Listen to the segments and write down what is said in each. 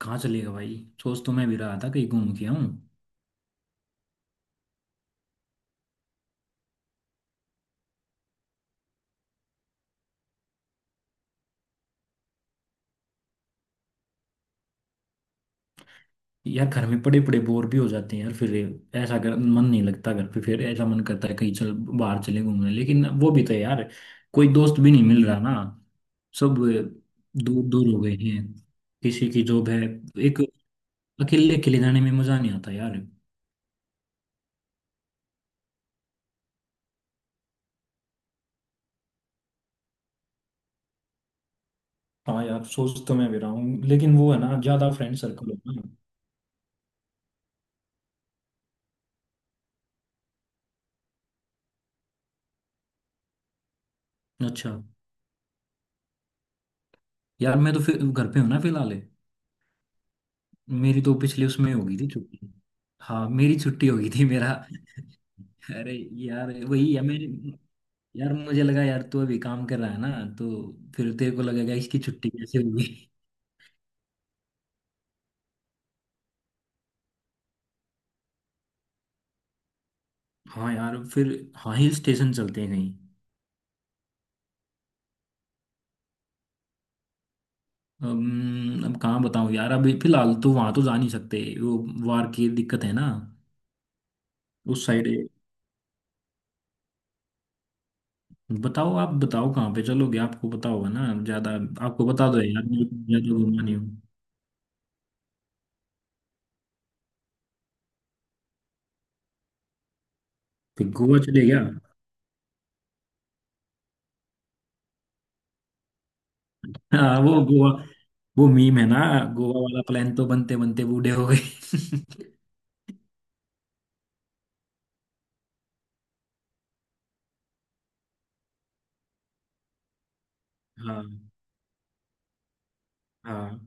कहाँ चलेगा भाई। सोच तो मैं भी रहा था कहीं घूम के आऊं। यार घर में पड़े पड़े बोर भी हो जाते हैं यार फिर। ऐसा कर मन नहीं लगता घर पे, फिर ऐसा मन करता है कहीं चल बाहर चले घूमने, लेकिन वो भी तो है यार, कोई दोस्त भी नहीं मिल रहा ना। सब दूर दूर हो गए हैं। किसी की जॉब है। एक, अकेले अकेले जाने में मजा नहीं आता यार। हाँ यार, सोच तो मैं भी रहा हूँ, लेकिन वो है ना ज्यादा फ्रेंड सर्कल हो ना। अच्छा। यार मैं तो फिर घर पे हूँ ना फिलहाल। मेरी तो पिछले उसमें हो गई थी छुट्टी। हाँ मेरी छुट्टी हो गई थी मेरा। अरे, यार वही है। मैं, यार मुझे लगा यार तू अभी काम कर रहा है ना, तो फिर तेरे को लगेगा इसकी छुट्टी कैसे होगी। हाँ यार फिर। हाँ, हिल स्टेशन चलते हैं कहीं। अब कहाँ बताऊँ यार, अभी फिलहाल तो वहां तो जा नहीं सकते वो। वार की दिक्कत है ना। उस साइड। बताओ, आप बताओ कहाँ पे चलोगे, आपको पता होगा ना ज्यादा। आपको बता दो यार, मैं तो ज्यादा घूमा नहीं हूँ। फिर गोवा चले गया। हाँ, वो गोवा, वो मीम है ना। गोवा वाला प्लान तो बनते बनते बूढ़े हो गए। हाँ हाँ।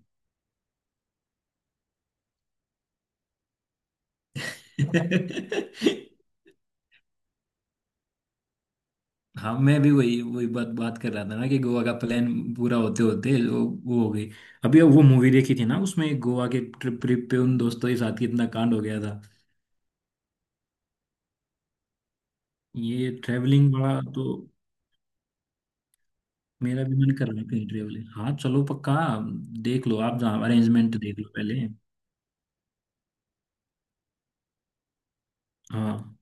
हाँ, मैं भी वही वही बात बात कर रहा था ना कि गोवा का प्लान पूरा होते होते वो हो गई। अभी वो मूवी देखी थी ना, उसमें एक गोवा के ट्रिप ट्रिप पे उन दोस्तों के साथ कितना कांड हो गया था। ये ट्रेवलिंग बड़ा तो मेरा भी मन कर रहा है कहीं ट्रेवलिंग। हाँ चलो पक्का। देख लो आप, जहाँ अरेंजमेंट देख लो पहले। हाँ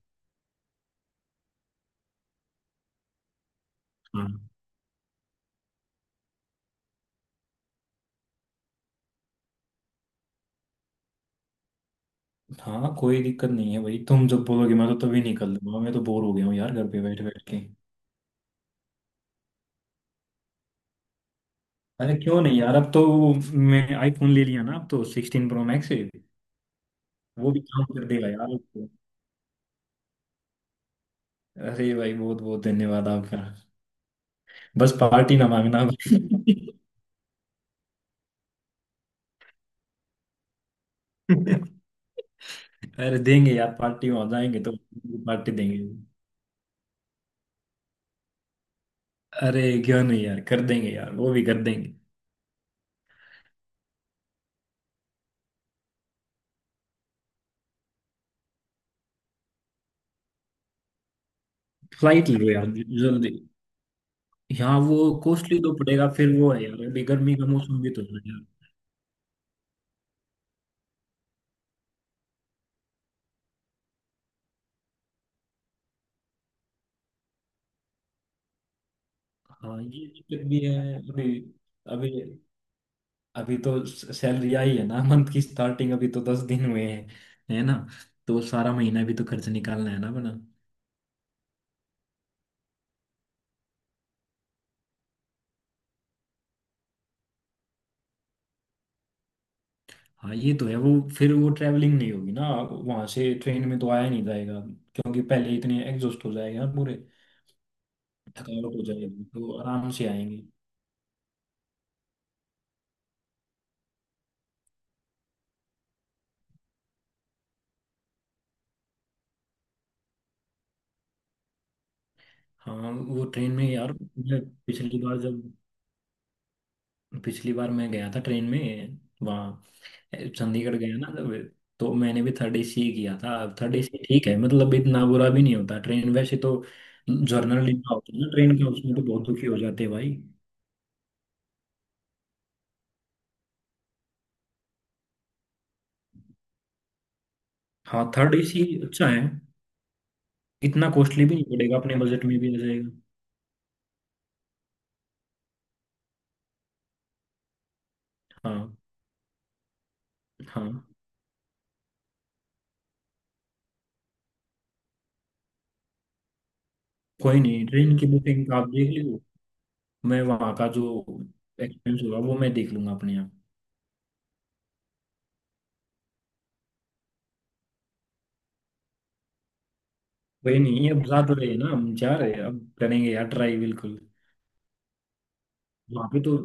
हाँ हाँ। कोई दिक्कत नहीं है भाई, तुम जब बोलोगे मैं तो तभी निकल लूंगा, मैं तो बोर हो गया हूँ यार घर पे बैठ बैठ के। अरे क्यों नहीं यार, अब तो मैं आईफोन ले लिया ना, अब तो 16 प्रो मैक्स है। वो भी काम कर देगा यार अब तो। अरे भाई बहुत बहुत धन्यवाद आपका। बस पार्टी ना मांगना। अरे देंगे यार पार्टी, वहां जाएंगे तो पार्टी देंगे। अरे क्यों नहीं यार, कर देंगे यार, वो भी कर देंगे। फ्लाइट ले लो यार, जल्दी। यहाँ वो कॉस्टली तो पड़ेगा, फिर वो है यार अभी गर्मी का मौसम भी तो है। हाँ ये दिक्कत भी है अभी। अभी अभी तो सैलरी आई है ना, मंथ की स्टार्टिंग अभी तो 10 दिन हुए हैं, है ना। तो सारा महीना भी तो खर्च निकालना है ना बना। हाँ ये तो है वो। फिर वो ट्रैवलिंग नहीं होगी ना, वहां से ट्रेन में तो आया नहीं जाएगा, क्योंकि पहले इतने एग्जॉस्ट हो जाएगा पूरे। थकावट हो जाएगी तो आराम से आएंगे। हाँ वो ट्रेन में यार, मैं पिछली बार जब, पिछली बार मैं गया था ट्रेन में वहाँ, चंडीगढ़ गया ना जब, तो मैंने भी थर्ड एसी ही किया था। थर्ड एसी ठीक है, मतलब इतना बुरा भी नहीं होता ट्रेन वैसे तो। जर्नल डिब्बा होता है ना ट्रेन का, उसमें तो बहुत दुखी हो जाते हैं भाई। हाँ, थर्ड एसी अच्छा है। इतना कॉस्टली भी नहीं पड़ेगा, अपने बजट में भी आ जाएगा। हाँ हाँ। कोई नहीं, ट्रेन की बुकिंग आप देख लो, मैं वहाँ का जो एक्सपेंस होगा वो मैं देख लूंगा अपने यहाँ। कोई नहीं, अब जा तो रहे हैं ना, हम जा रहे हैं, अब करेंगे यार ट्राई बिल्कुल। वहाँ पे तो।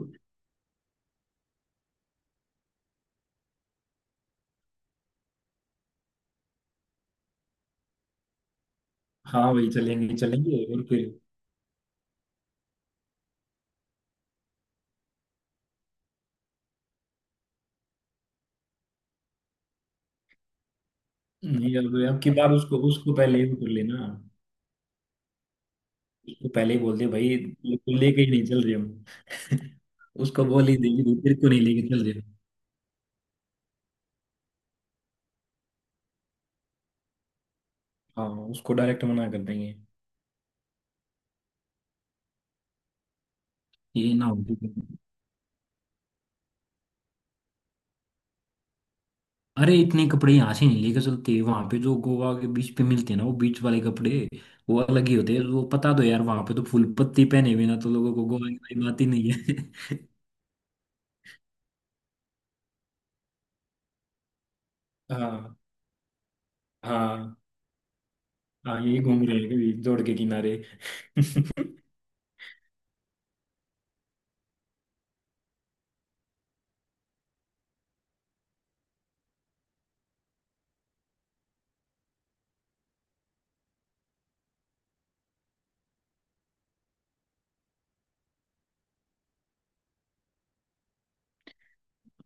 हाँ, वही चलेंगे चलेंगे और फिर नहीं। अब की बार उसको उसको पहले ही बोल लेना। उसको पहले ही बोल दे भाई, बिल्कुल लेके ही नहीं चल रहे हम। उसको बोल ही देंगे भाई, तेरे को नहीं लेके चल रहे। हाँ, उसको डायरेक्ट मना कर देंगे। ये ना हो। अरे इतने कपड़े यहाँ से नहीं लेके चलते, वहां पे जो गोवा के बीच पे मिलते हैं ना वो बीच वाले कपड़े, वो अलग ही होते हैं। वो पता तो यार वहां पे, तो फुल पत्ती पहने बिना तो लोगों को गोवा की कोई बात ही नहीं है। हाँ हाँ हाँ, यही घूम रहे हैं कभी जोड़ के किनारे।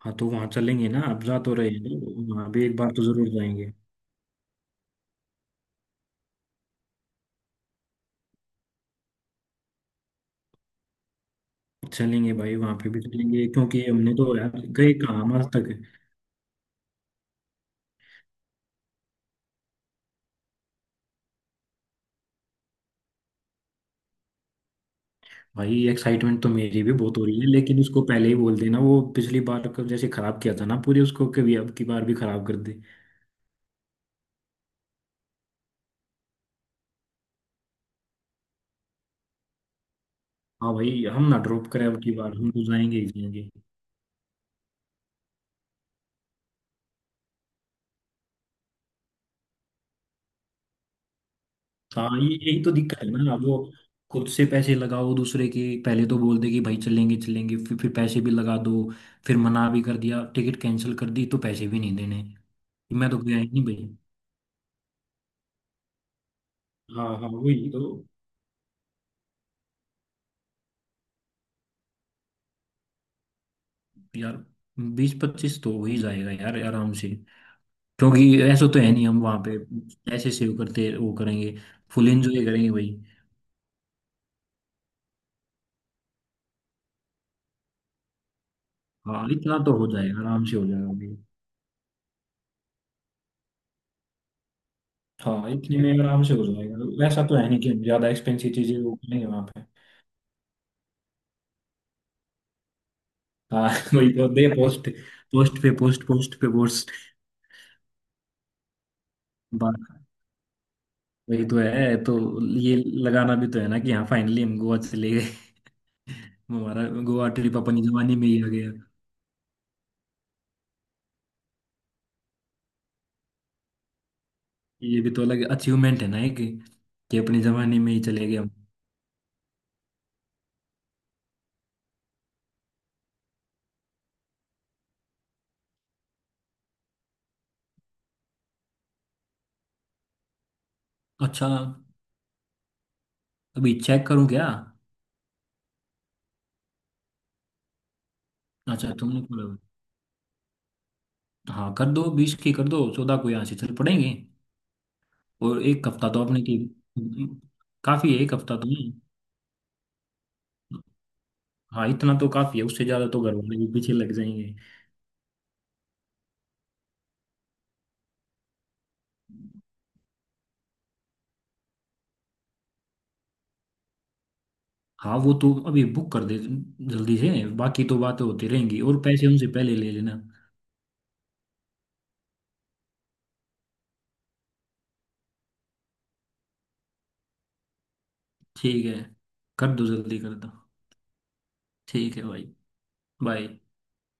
हाँ तो वहाँ चलेंगे ना, अब जा तो रहे हैं ना, वहाँ भी एक बार तो जरूर जाएंगे। चलेंगे भाई, वहाँ पे भी चलेंगे, क्योंकि हमने तो यार गए कहाँ आज तक। भाई एक्साइटमेंट तो मेरी भी बहुत हो रही है, लेकिन उसको पहले ही बोल देना, वो पिछली बार का जैसे खराब किया था ना पूरी, उसको कभी अब की बार भी खराब कर दे। हाँ भाई हम ना ड्रॉप करें, अब की बार हम तो जाएंगे ही जाएंगे। हाँ ये यही तो दिक्कत है ना, अब वो, खुद से पैसे लगाओ दूसरे के, पहले तो बोल दे कि भाई चलेंगे चलेंगे, फिर पैसे भी लगा दो, फिर मना भी कर दिया, टिकट कैंसिल कर दी, तो पैसे भी नहीं देने। मैं तो गया ही नहीं भाई। हाँ हाँ वही तो। यार 20-25 तो हो ही जाएगा यार आराम से, क्योंकि ऐसा तो है नहीं हम वहाँ पे पैसे सेव करते वो करेंगे। फुल एंजॉय करेंगे भाई। हाँ इतना तो हो जाएगा, आराम से हो जाएगा भाई। हाँ, इतने में आराम से हो जाएगा, वैसा तो है नहीं कि हम ज्यादा एक्सपेंसिव चीजें वो करेंगे वहाँ पे। हाँ वही तो दे, पोस्ट पोस्ट पे पोस्ट, पोस्ट पे पोस्ट। बात वही तो है तो, ये लगाना भी तो है ना कि हाँ फाइनली हम गोवा चले गए। हमारा गोवा ट्रिप अपनी जवानी में ही आ गया। ये भी तो अलग अचीवमेंट है ना एक, कि अपनी जवानी में ही चले गए हम। अच्छा, अभी चेक करूँ क्या। अच्छा तुमने बोला। हाँ कर दो, 20 की कर दो, 14 को यहाँ से चल पड़ेंगे। और एक हफ्ता तो अपने की काफी है, एक हफ्ता तो नहीं। हाँ इतना तो काफी है, उससे ज्यादा तो घर वाले भी पीछे लग जाएंगे। हाँ वो तो अभी बुक कर दे, जल्दी से, बाकी तो बातें होती रहेंगी और पैसे उनसे पहले ले लेना। ठीक है, कर दो जल्दी कर दो। ठीक है भाई। बाय।